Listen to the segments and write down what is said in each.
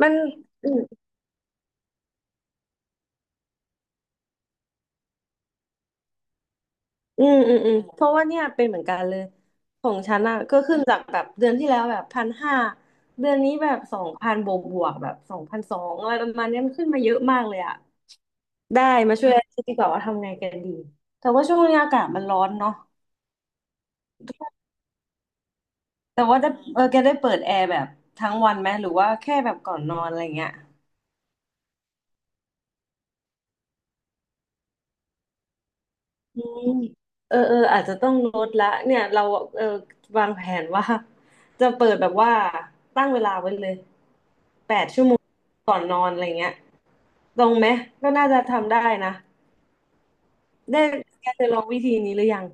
มันอืมอืมอืมเพราะว่าเนี่ยเป็นเหมือนกันเลยของฉันอ่ะก็ขึ้นจากแบบเดือนที่แล้วแบบ1,500เดือนนี้แบบสองพันบวกแบบ2,200อะไรประมาณเนี้ยมันขึ้นมาเยอะมากเลยอ่ะได้มาช่วยคิดดีกว่าว่าทำไงกันดี แต่ว่าช่วงนี้อากาศมันร้อนเนาะแต่ว่าได้เออแกได้เปิดแอร์แบบทั้งวันไหมหรือว่าแค่แบบก่อนนอนอะไรเงี้ย อืมอาจจะต้องลดละเนี่ยเราเออวางแผนว่าจะเปิดแบบว่าตั้งเวลาไว้เลยแปดชั่วโมงก่อนนอนอะไรเงี้ยตรงไหมก็น่าจะทำได้นะได้แกจะลองวิธีนี้หรือยัง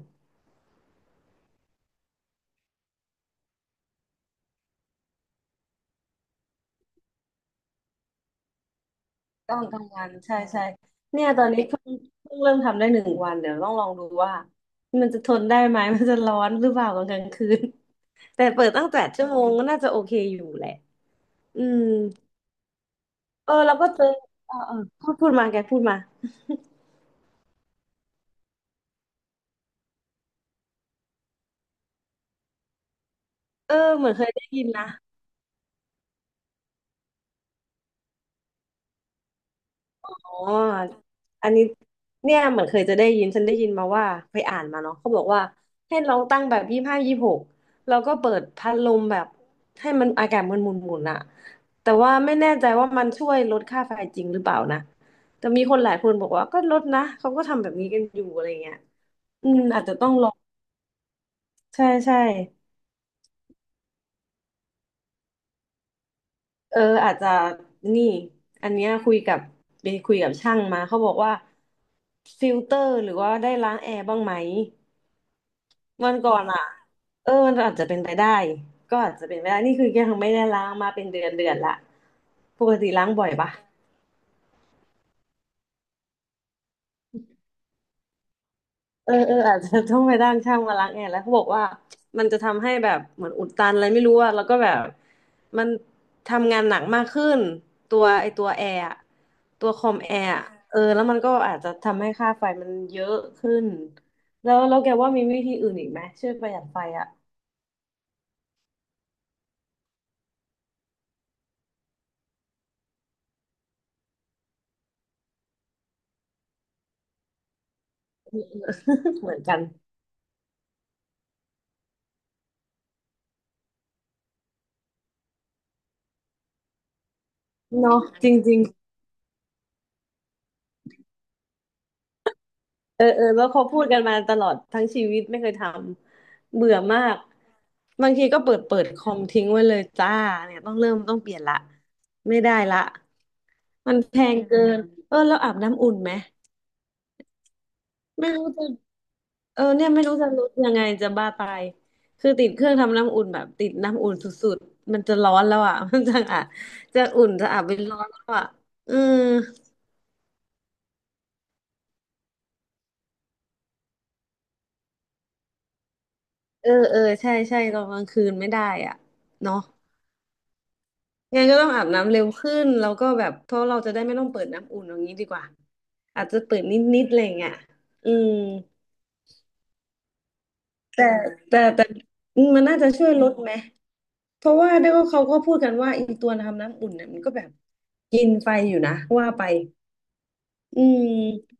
ต้องทำงานใช่ใช่เนี่ยตอนนี้เพิ่งเริ่มทำได้หนึ่งวันเดี๋ยวต้องลองดูว่ามันจะทนได้ไหมมันจะร้อนหรือเปล่าตอนกลางคืนแต่เปิดตั้งแปดชั่วโมงก็น่าจะโอเคอยู่แหละอืม เออเราก็เจอเออเออพูดพูดมาแกพูดมาเออเหมือนเคยได้ยินนะอ๋ออันนี้เนี่ยเหมือนเคยจะได้ยินฉันได้ยินมาว่าไปอ่านมาเนาะเขาบอกว่าให้ลองตั้งแบบ25-26แล้วก็เปิดพัดลมแบบให้มันอากาศมันหมุนหมุนอะแต่ว่าไม่แน่ใจว่ามันช่วยลดค่าไฟจริงหรือเปล่านะแต่มีคนหลายคนบอกว่าก็ลดนะเขาก็ทำแบบนี้กันอยู่อะไรเงี้ยอืมอาจจะต้องลองใช่ใช่ เอออาจจะนี่อันเนี้ยคุยกับไปคุยกับช่างมาเขาบอกว่าฟิลเตอร์หรือว่าได้ล้างแอร์บ้างไหมวันก่อนอ่ะเออมันอาจจะเป็นไปได้ก็อาจจะเป็นไปได้นี่คือยังไม่ได้ล้างมาเป็นเดือนเดือนละปกติล้างบ่อยปะ เออเอออาจจะต้องไปจ้างช่างมาล้างแอร์แล้วเขาบอกว่ามันจะทำให้แบบเหมือนอุดตันอะไรไม่รู้อะแล้วก็แบบมันทำงานหนักมากขึ้นตัวแอร์อะตัวคอมแอร์อะเออแล้วมันก็อาจจะทำให้ค่าไฟมันเยอะขึ้นแล้วแกว่ามีวิธีอื่นอีกไหมช่วยประหยัดไฟอะ เหมือนกันเนาะจริงๆ เออเออแล้วเขาพูดกันมาตลอดทั้งชีวิตไม่เคยทำเบื่อมากบางทีก็เปิดคอมทิ้งไว้เลยจ้าเนี่ยต้องเริ่มต้องเปลี่ยนละไม่ได้ละมันแพงเกินเออแล้วอาบน้ำอุ่นไหมไม่รู้จะเออเนี่ยไม่รู้จะลดยังไงจะบ้าตายคือติดเครื่องทำน้ำอุ่นแบบติดน้ำอุ่นสุดๆมันจะร้อนแล้วอ่ะ มันจะอ่ะจะอุ่นจะอาบเป็นร้อนแล้วอ่ะอืมเออเออใช่ใช่ตอนกลางคืนไม่ได้อ่ะเนาะ งั้นก็ต้องอาบน้ำเร็วขึ้นแล้วก็แบบเพราะเราจะได้ไม่ต้องเปิดน้ำอุ่นอย่างนี้ดีกว่าอาจจะเปิดนิดๆอะไรอย่างเงี้ยอืมแต่แต่มันน่าจะช่วยลดไหมเพราะว่าได้ก็เขาก็พูดกันว่าอีตัวทำน้ำอุ่นเนี่ยมันก็แบบกินไฟอยู่นะว่าไปอืม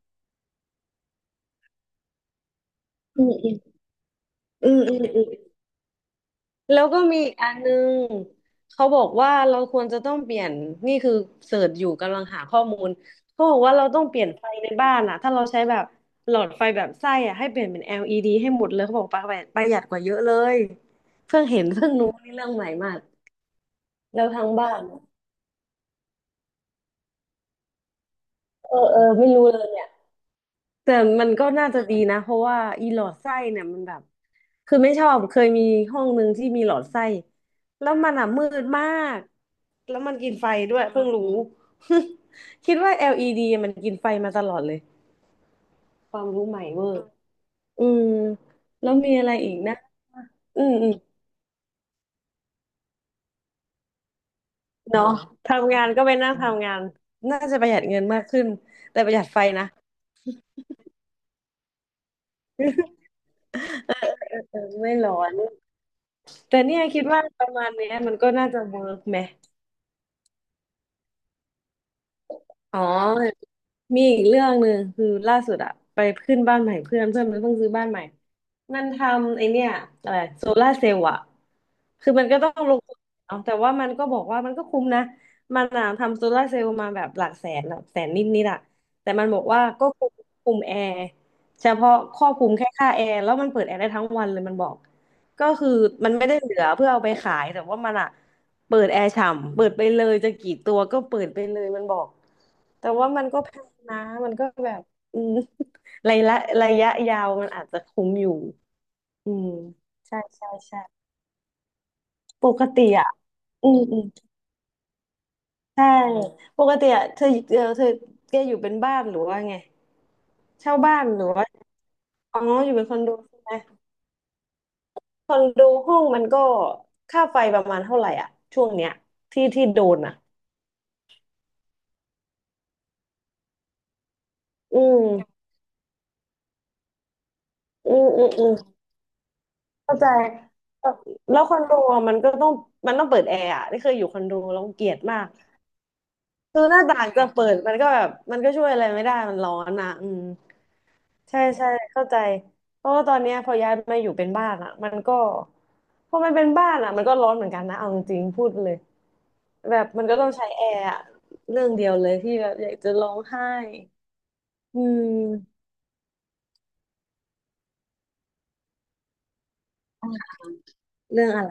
อืมอืมอืมอืม แล้วก็มีอีกอันนึงเขาบอกว่าเราควรจะต้องเปลี่ยนนี่คือเสิร์ชอยู่กำลังหาข้อมูลเขาบอกว่าเราต้องเปลี่ยนไฟในบ้านอะถ้าเราใช้แบบหลอดไฟแบบไส้อะให้เปลี่ยนเป็น LED ให้หมดเลยเขาบอกประหยัดกว่าเยอะเลยเพิ่งเห็นเพิ่งรู้นี่เรื่องใหม่มากแล้วทั้งบ้านเออเออไม่รู้เลยเนี่ยแต่มันก็น่าจะดีนะเพราะว่าอีหลอดไส้เนี่ยมันแบบ คือไม่ชอบเคยมีห้องหนึ่งที่มีหลอดไส้แล้วมันอ่ะมืดมากแล้วมันกินไฟด้วยเพิ่งรู้ คิดว่า LED มันกินไฟมาตลอดเลยความรู้ใหม่เวอร์อืมแล้วมีอะไรอีกนะอืมอืมเนาะทำงานก็ไปนั่งทำงานน่าจะประหยัดเงินมากขึ้นแต่ประหยัดไฟนะเออไม่ร้อนแต่เนี่ยคิดว่าประมาณเนี้ยมันก็น่าจะเวิร์กไหมอ๋อ มีอีกเรื่องหนึ่งคือล่าสุดอะไปขึ้นบ้านใหม่เพื่อนเพื่อนมันเพิ่งซื้อบ้านใหม่มันทำไอเนี่ยอะไรโซลาร์เซลล์อะคือมันก็ต้องลงทุนเนาะแต่ว่ามันก็บอกว่ามันก็คุ้มนะมันอะทำโซลาร์เซลล์มาแบบหลักแสนหลักแสนนิดนิดอะแต่มันบอกว่าก็คุมคุมแอร์เฉพาะครอบคลุมแค่ค่าแอร์แล้วมันเปิดแอร์ได้ทั้งวันเลยมันบอกก็คือมันไม่ได้เหลือเพื่อเอาไปขายแต่ว่ามันอะ เปิดแอร์ฉ่ำเปิดไปเลยจะกี่ตัวก็เปิดไปเลยมันบอกแต่ว่ามันก็แพงนะมันก็แบบอืม ระยะระยะยาวมันอาจจะคุ้มอยู่อืมใช่ใช่ใช่ปกติอ่ะอืมอืมใช่ปกติอ่ะเธอเออเธอแกอยู่เป็นบ้านหรือว่าไงเช่าบ้านหรือว่าอ๋ออยู่เป็นคอนโดใช่ไหมคอนโดห้องมันก็ค่าไฟประมาณเท่าไหร่อ่ะช่วงเนี้ยที่โดนอ่ะอืมอืมอืมอืม เข้าใจเอ่อแล้วคอนโดอะมันก็ต้องมันต้องเปิดแอร์อ่ะนี่เคยอยู่คอนโดแล้วเกลียดมากคือหน้าต่างจะเปิดมันก็แบบมันก็ช่วยอะไรไม่ได้มันร้อนอ่ะอืมใช่ใช่เข้าใจเพราะว่าตอนเนี้ยพอย้ายมาอยู่เป็นบ้านอ่ะมันก็พอมันเป็นบ้านอ่ะมันก็ร้อนเหมือนกันนะเอาจริงๆพูดเลยแบบมันก็ต้องใช้แอร์อะเรื่องเดียวเลยที่แบบอยากจะร้องไห้อืมเรื่องอะไร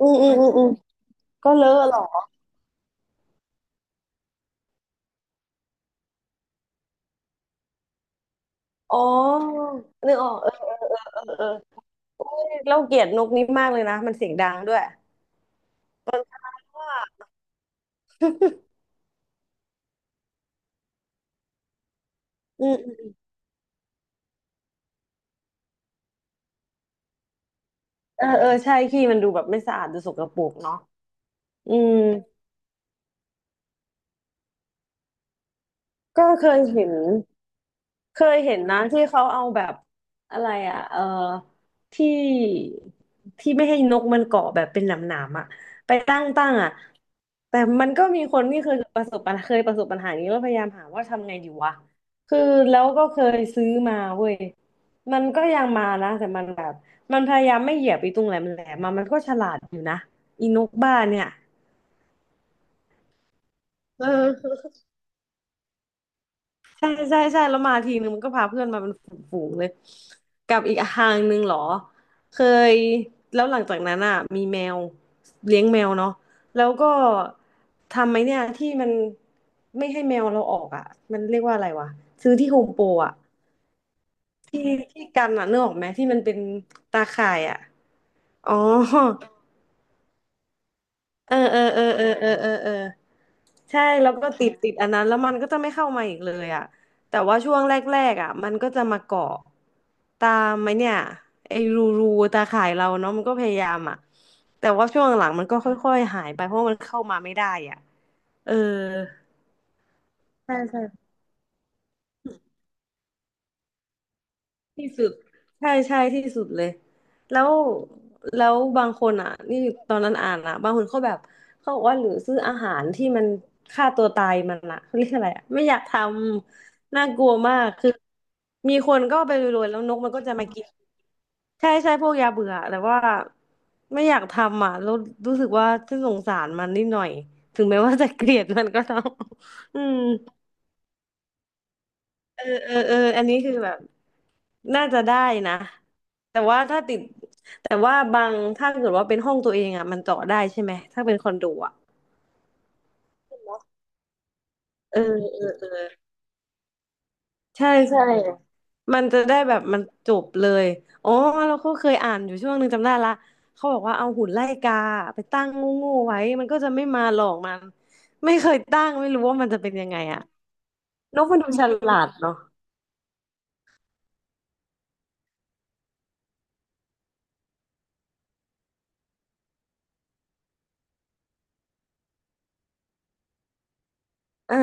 อืมอืมอืมอืมก็เลอะเหรออ๋อนึกออกเออเออเออเออ เราเกลียดนกนี้มากเลยนะมันเสียงดังด้วยว่าอืมอืมเออเออใช่ขี้มันดูแบบไม่สะอาดดูสกปรกเนาะอืมก็เคยเห็น เคยเห็นนะที่เขาเอาแบบอะไรอ่ะเออที่ที่ไม่ให้นกมันเกาะแบบเป็นหนามๆอ่ะไปตั้งอ่ะแต่มันก็มีคนที่เคยประสบปัญหานี้แล้วพยายามหาว่าทำไงดีวะคือแล้วก็เคยซื้อมาเว้ยมันก็ยังมานะแต่มันแบบมันพยายามไม่เหยียบไปตรงแหลมแหลมมามันก็ฉลาดอยู่นะอีนกบ้าเนี่ยเออ ใช่ใช่ใช่แล้วมาทีนึงมันก็พาเพื่อนมาเป็นฝูงๆเลยกับอีกทางหนึ่งเหรอเคยแล้วหลังจากนั้นอ่ะมีแมวเลี้ยงแมวเนาะแล้วก็ทำไหมเนี่ยที่มันไม่ให้แมวเราออกอ่ะมันเรียกว่าอะไรวะซื้อที่โฮมโปรอ่ะที่ที่กันอ่ะนึกออกไหมที่มันเป็นตาข่ายอ่ะอ๋อ เออเออเออเออเออเออเออใช่แล้วก็ติดอันนั้นแล้วมันก็จะไม่เข้ามาอีกเลยอ่ะแต่ว่าช่วงแรกๆอ่ะมันก็จะมาเกาะตามไหมเนี่ยไอ้รูตาข่ายเราเนาะมันก็พยายามอ่ะแต่ว่าช่วงหลังมันก็ค่อยๆหายไปเพราะมันเข้ามาไม่ได้อ่ะเออใช่ใช่ ที่สุดใช่ใช่ที่สุดเลยแล้วแล้วบางคนอ่ะนี่ตอนนั้นอ่านอ่ะบางคนเขาแบบเขาบอกว่าหรือซื้ออาหารที่มันฆ่าตัวตายมันอ่ะเขาเรียกอะไรอ่ะไม่อยากทำน่ากลัวมากคือมีคนก็ไปโรยๆแล้วนกมันก็จะมากินใช่ใช่พวกยาเบื่อแต่ว่าไม่อยากทำอ่ะแล้วรู้สึกว่าฉันสงสารมันนิดหน่อยถึงแม้ว่าจะเกลียดมันก็ต้อง อืม เออเออเอออันนี้คือแบบน่าจะได้นะแต่ว่าถ้าติดแต่ว่าบางถ้าเกิดว่าเป็นห้องตัวเองอ่ะมันเจาะได้ใช่ไหมถ้าเป็นคอนโดอ่ะเออเออเออใช่ใช่มันจะได้แบบมันจบเลยอ๋อเราก็เคยอ่านอยู่ช่วงหนึ่งจำได้ละเขาบอกว่าเอาหุ่นไล่กาไปตั้งโง่ๆไว้มันก็จะไม่มาหลอกมันไม่เคยตั้งไม่รู้ว่ามันจะเป็นยังไงอะนกมันดูฉลาดเนาะเออ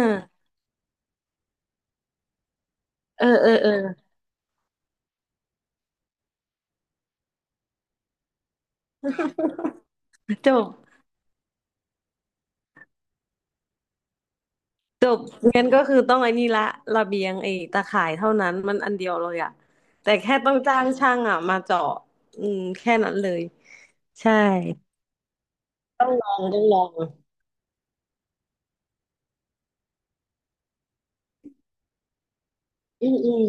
เออเออเออจบ จบงั้นก็คือต้องไอ้นี่ละระเบียงไอ้ตะข่ายเท่านั้นมันอันเดียวเลยอะแต่แค่ต้องจ้างช่างอะมาเจาะอืมแค่นั้นเลยใช่ต้องลองอืมอืม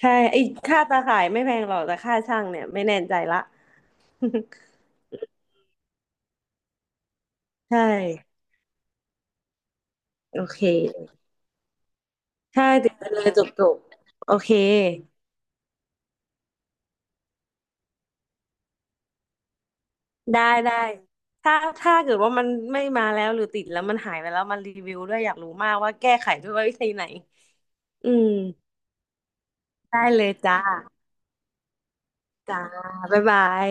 ใช่ไอ้ค่าตาข่ายไม่แพงหรอกแต่ค่าช่างเนี่ยไม่แน่ใจละ ใช่โอเคใช่ติดไปเลยจบจบโอเคได้ได้ถ้าถ้าเกิดว่ามันไม่มาแล้วหรือติดแล้วมันหายไปแล้วมันรีวิวด้วยอยากรู้มากว่าแก้ไขด้วยวิธีไหนอืม ได้เลยจ้าจ้าบ๊ายบาย